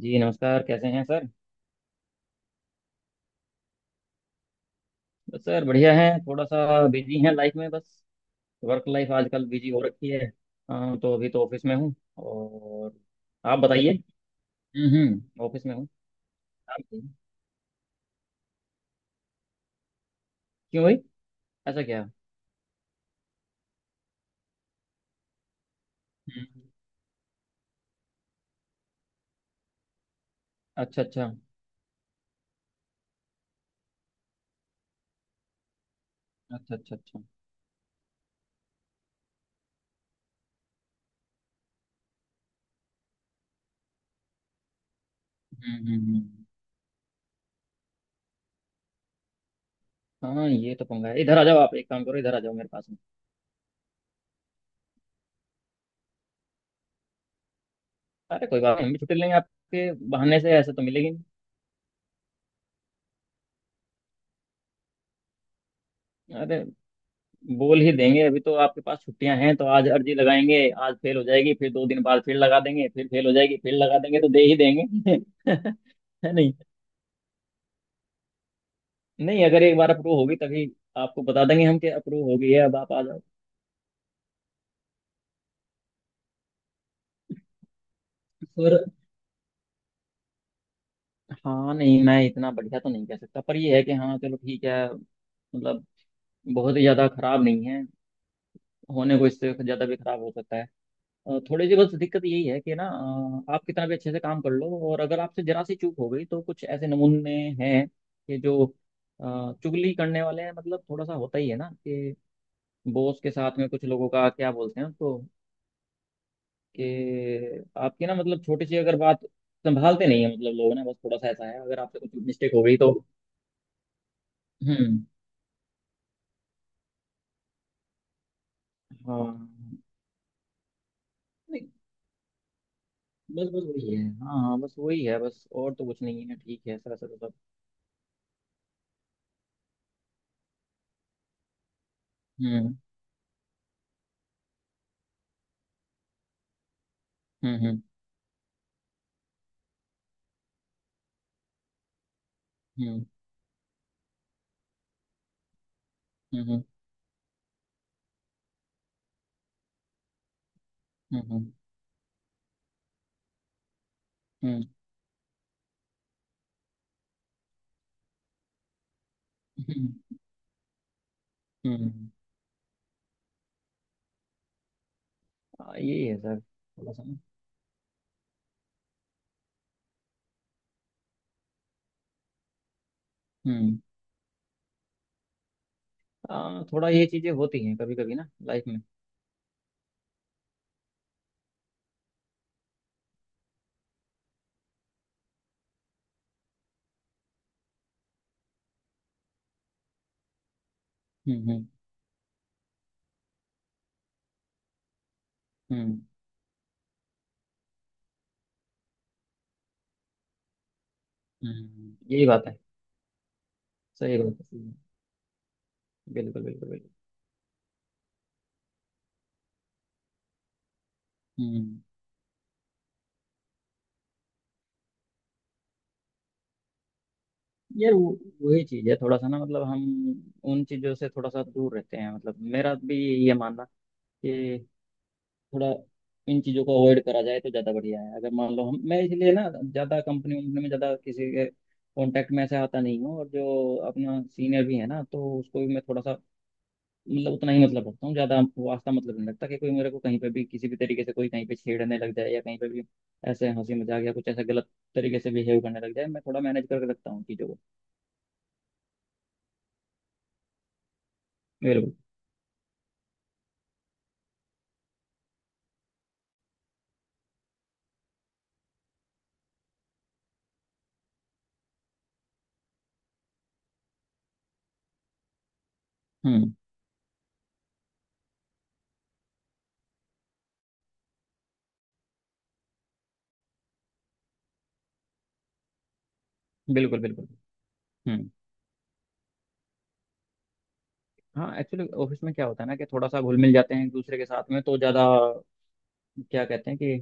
जी नमस्कार। कैसे हैं सर? बस सर बढ़िया हैं, थोड़ा सा बिजी हैं लाइफ में, बस वर्क लाइफ आजकल बिजी हो रखी है। हाँ, तो अभी तो ऑफिस में हूँ, और आप बताइए। हम्म, ऑफिस में हूँ। आप बताइए। क्यों भाई? ऐसा क्या? हम्म। अच्छा। अच्छा अच्छा। अच्छा अच्छा। हम्म हम्म हम्म। हाँ, ये तो पंगा है, इधर आ जाओ, आप एक काम करो, इधर आ जाओ मेरे पास में। अरे कोई बात नहीं, हम भी छुट्टी लेंगे आपके बहाने से, ऐसे तो मिलेगी नहीं। अरे बोल ही देंगे, अभी तो आपके पास छुट्टियां हैं तो आज अर्जी लगाएंगे। आज फेल हो जाएगी, फिर 2 दिन बाद फिर लगा देंगे, फिर फेल हो जाएगी, फिर लगा देंगे, तो दे ही देंगे। है नहीं। नहीं, अगर एक बार अप्रूव होगी तभी आपको बता देंगे हम कि अप्रूव हो गई है, अब आप आ जाओ। पर। हाँ, नहीं मैं इतना बढ़िया तो नहीं कह सकता, पर ये है कि, हाँ चलो ठीक है। मतलब बहुत ही ज्यादा खराब नहीं है, होने को इससे ज्यादा भी खराब हो सकता है। थोड़ी सी बस दिक्कत यही है कि ना। आप कितना भी अच्छे से काम कर लो, और अगर आपसे जरा सी चूक हो गई तो कुछ ऐसे नमूने हैं कि जो चुगली करने वाले हैं, मतलब थोड़ा सा होता ही है ना कि बॉस के साथ में कुछ लोगों का क्या बोलते हैं उसको, कि आपकी ना मतलब छोटी सी अगर बात संभालते नहीं है, मतलब लोग ना, बस थोड़ा सा ऐसा है, अगर आपसे कुछ मिस्टेक हो गई तो। हम्म, हाँ नहीं, बस बस वही है, हाँ हाँ बस वही है, बस और तो कुछ नहीं है, ठीक है सर सर सब। हम्म हम्म हम्म हम्म हम्म हम्म हम्म। हम्म हम्म हम्म। यही है सर थोड़ा सा ना। हम्म। थोड़ा ये चीज़ें होती हैं कभी कभी ना लाइफ में। हम्म। हम्म। हम्म। यही बात है। सही बात है, सही बात है। बिल्कुल बिल्कुल बिल्कुल। हम्म, यार वो वही चीज़ है थोड़ा सा ना, मतलब हम उन चीज़ों से थोड़ा सा दूर रहते हैं, मतलब मेरा भी ये मानना कि थोड़ा इन चीज़ों को अवॉइड करा जाए तो ज़्यादा बढ़िया है, अगर मान लो हम मैं इसलिए ना ज़्यादा कंपनी वंपनी में ज़्यादा किसी के कांटेक्ट में ऐसे आता नहीं हूँ, और जो अपना सीनियर भी है ना तो उसको भी मैं थोड़ा सा, मतलब उतना ही मतलब रखता हूँ, ज़्यादा हमको वास्ता मतलब नहीं लगता कि कोई मेरे को कहीं पे भी किसी भी तरीके से, कोई कहीं पे छेड़ने लग जाए या कहीं पे भी ऐसे हंसी मजाक या कुछ ऐसा गलत तरीके से बिहेव करने लग जाए, मैं थोड़ा मैनेज करके रखता हूँ चीज़ों को। बिल्कुल। हम्म। बिल्कुल बिल्कुल। हम्म। हाँ एक्चुअली ऑफिस में क्या होता है ना, कि थोड़ा सा घुल मिल जाते हैं एक दूसरे के साथ में, तो ज़्यादा क्या कहते हैं कि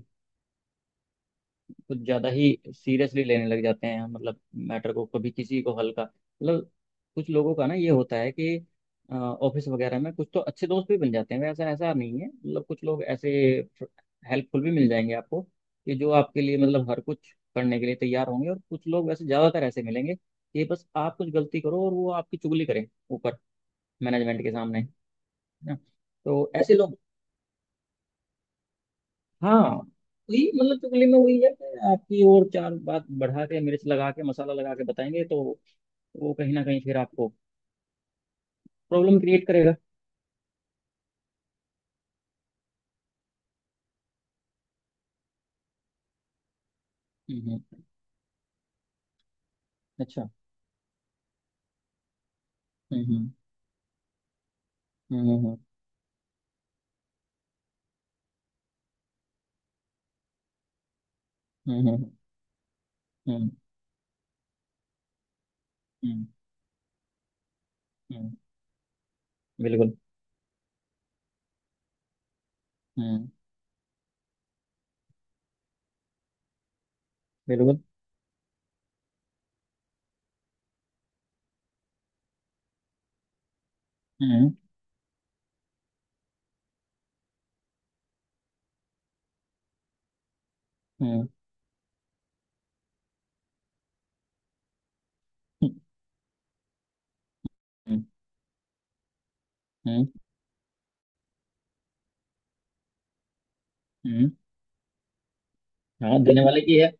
कुछ ज़्यादा ही सीरियसली लेने लग जाते हैं, मतलब मैटर को, कभी किसी को हल्का मतलब। कुछ लोगों का ना ये होता है कि ऑफिस वगैरह में, कुछ तो अच्छे दोस्त भी बन जाते हैं वैसा, ऐसा नहीं है मतलब, कुछ लोग ऐसे हेल्पफुल भी मिल जाएंगे आपको, कि जो आपके लिए मतलब हर कुछ करने के लिए तैयार होंगे, और कुछ लोग वैसे ज़्यादातर ऐसे मिलेंगे कि बस आप कुछ गलती करो और वो आपकी चुगली करें ऊपर मैनेजमेंट के सामने, है ना, तो ऐसे लोग। हाँ, वही मतलब चुगली में वही है कि आपकी और चार बात बढ़ा के मिर्च लगा के मसाला लगा के बताएंगे, तो वो कहीं ना कहीं फिर आपको प्रॉब्लम क्रिएट करेगा। हम्म। हम्म। अच्छा। हम्म हम्म हम्म हम्म हम्म हम्म हम्म। हम्म। हम्म। हम्म। हम्म। बिल्कुल। हम्म। बिल्कुल। हम्म हम्म हम्म हम्म हम्म। हम्म। हाँ, देने वाले की है।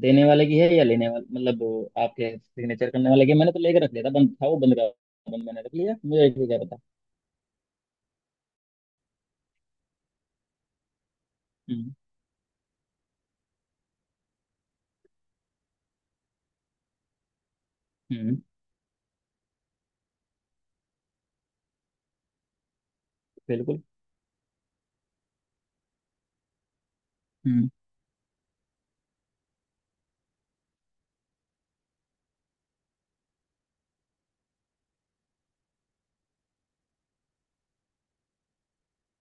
देने वाले की है, या लेने वाले मतलब वो आपके सिग्नेचर करने वाले की है? मैंने तो लेके रख लिया था, बंद था वो, बंद का बंद मैंने रख लिया, मुझे भी क्या पता। हम्म हम्म। बिल्कुल। हम्म,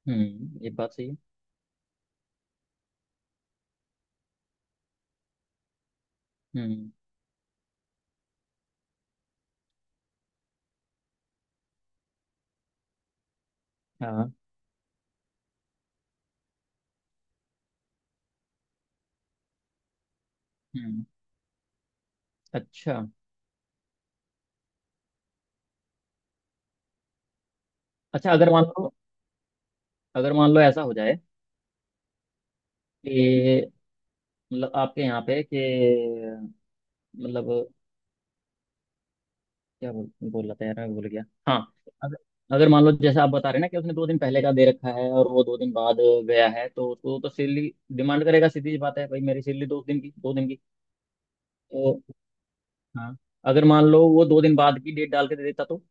ये बात सही है। हम्म। हाँ। हम्म। अच्छा अच्छा। अगर मान लो ऐसा हो जाए कि, मतलब आपके यहाँ पे कि, मतलब क्या बोल बोल रहा था यार, मैं भूल गया। हाँ। अगर अगर मान लो जैसे आप बता रहे हैं ना कि उसने 2 दिन पहले का दे रखा है, और वो 2 दिन बाद गया है तो उसको तो सैलरी डिमांड करेगा, सीधी सी बात है भाई, मेरी सैलरी 2 दिन की 2 दिन की, तो। हाँ, अगर मान लो वो 2 दिन बाद की डेट डाल के दे देता तो।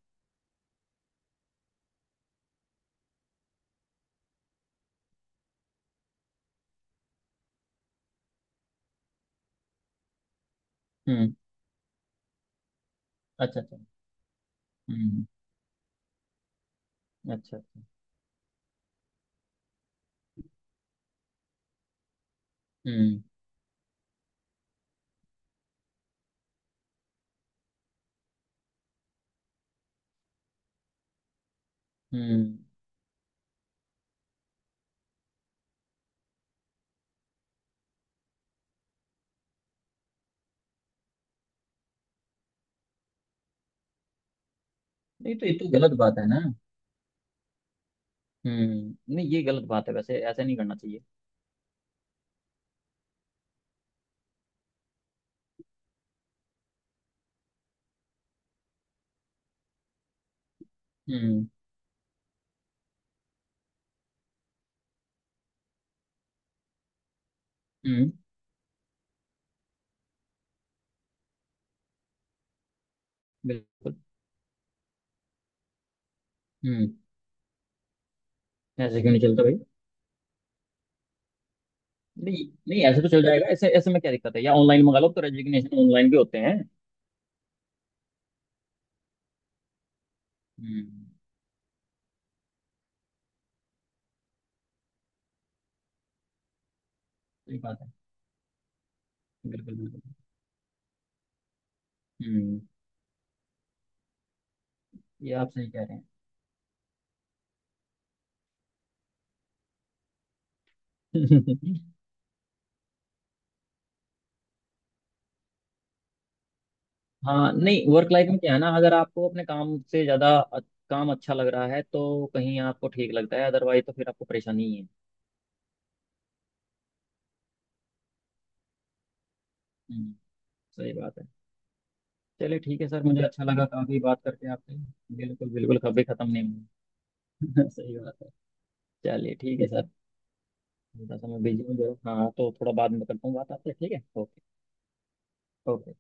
हम्म। अच्छा अच्छा। हम्म। अच्छा अच्छा। हम्म हम्म। नहीं तो ये तो गलत बात है ना। हम्म। नहीं ये गलत बात है, वैसे ऐसा नहीं करना चाहिए। हम्म हम्म। बिल्कुल। हम्म। ऐसे क्यों नहीं चलता भाई? नहीं नहीं, ऐसे तो चल जाएगा, ऐसे ऐसे में क्या दिक्कत है? या ऑनलाइन मंगा लो, तो रेजिग्नेशन ऑनलाइन भी होते हैं। हम्म। सही बात है। बिल्कुल बिल्कुल। हम्म। ये आप सही कह रहे हैं। हाँ नहीं, वर्क लाइफ में क्या है ना, अगर आपको अपने काम से ज्यादा काम अच्छा लग रहा है तो कहीं आपको ठीक लगता है, अदरवाइज तो फिर आपको परेशानी ही है। हम्म। सही बात है। चलिए ठीक है सर, मुझे अच्छा लगा काफी बात करके आपसे। बिल्कुल बिल्कुल, कभी खत्म नहीं होगी। सही बात है। चलिए ठीक है सर, थोड़ा सा मैं बिजी हूँ जरूर, हाँ तो थोड़ा बाद में करता हूँ बात आपसे, ठीक है, ओके। ओके।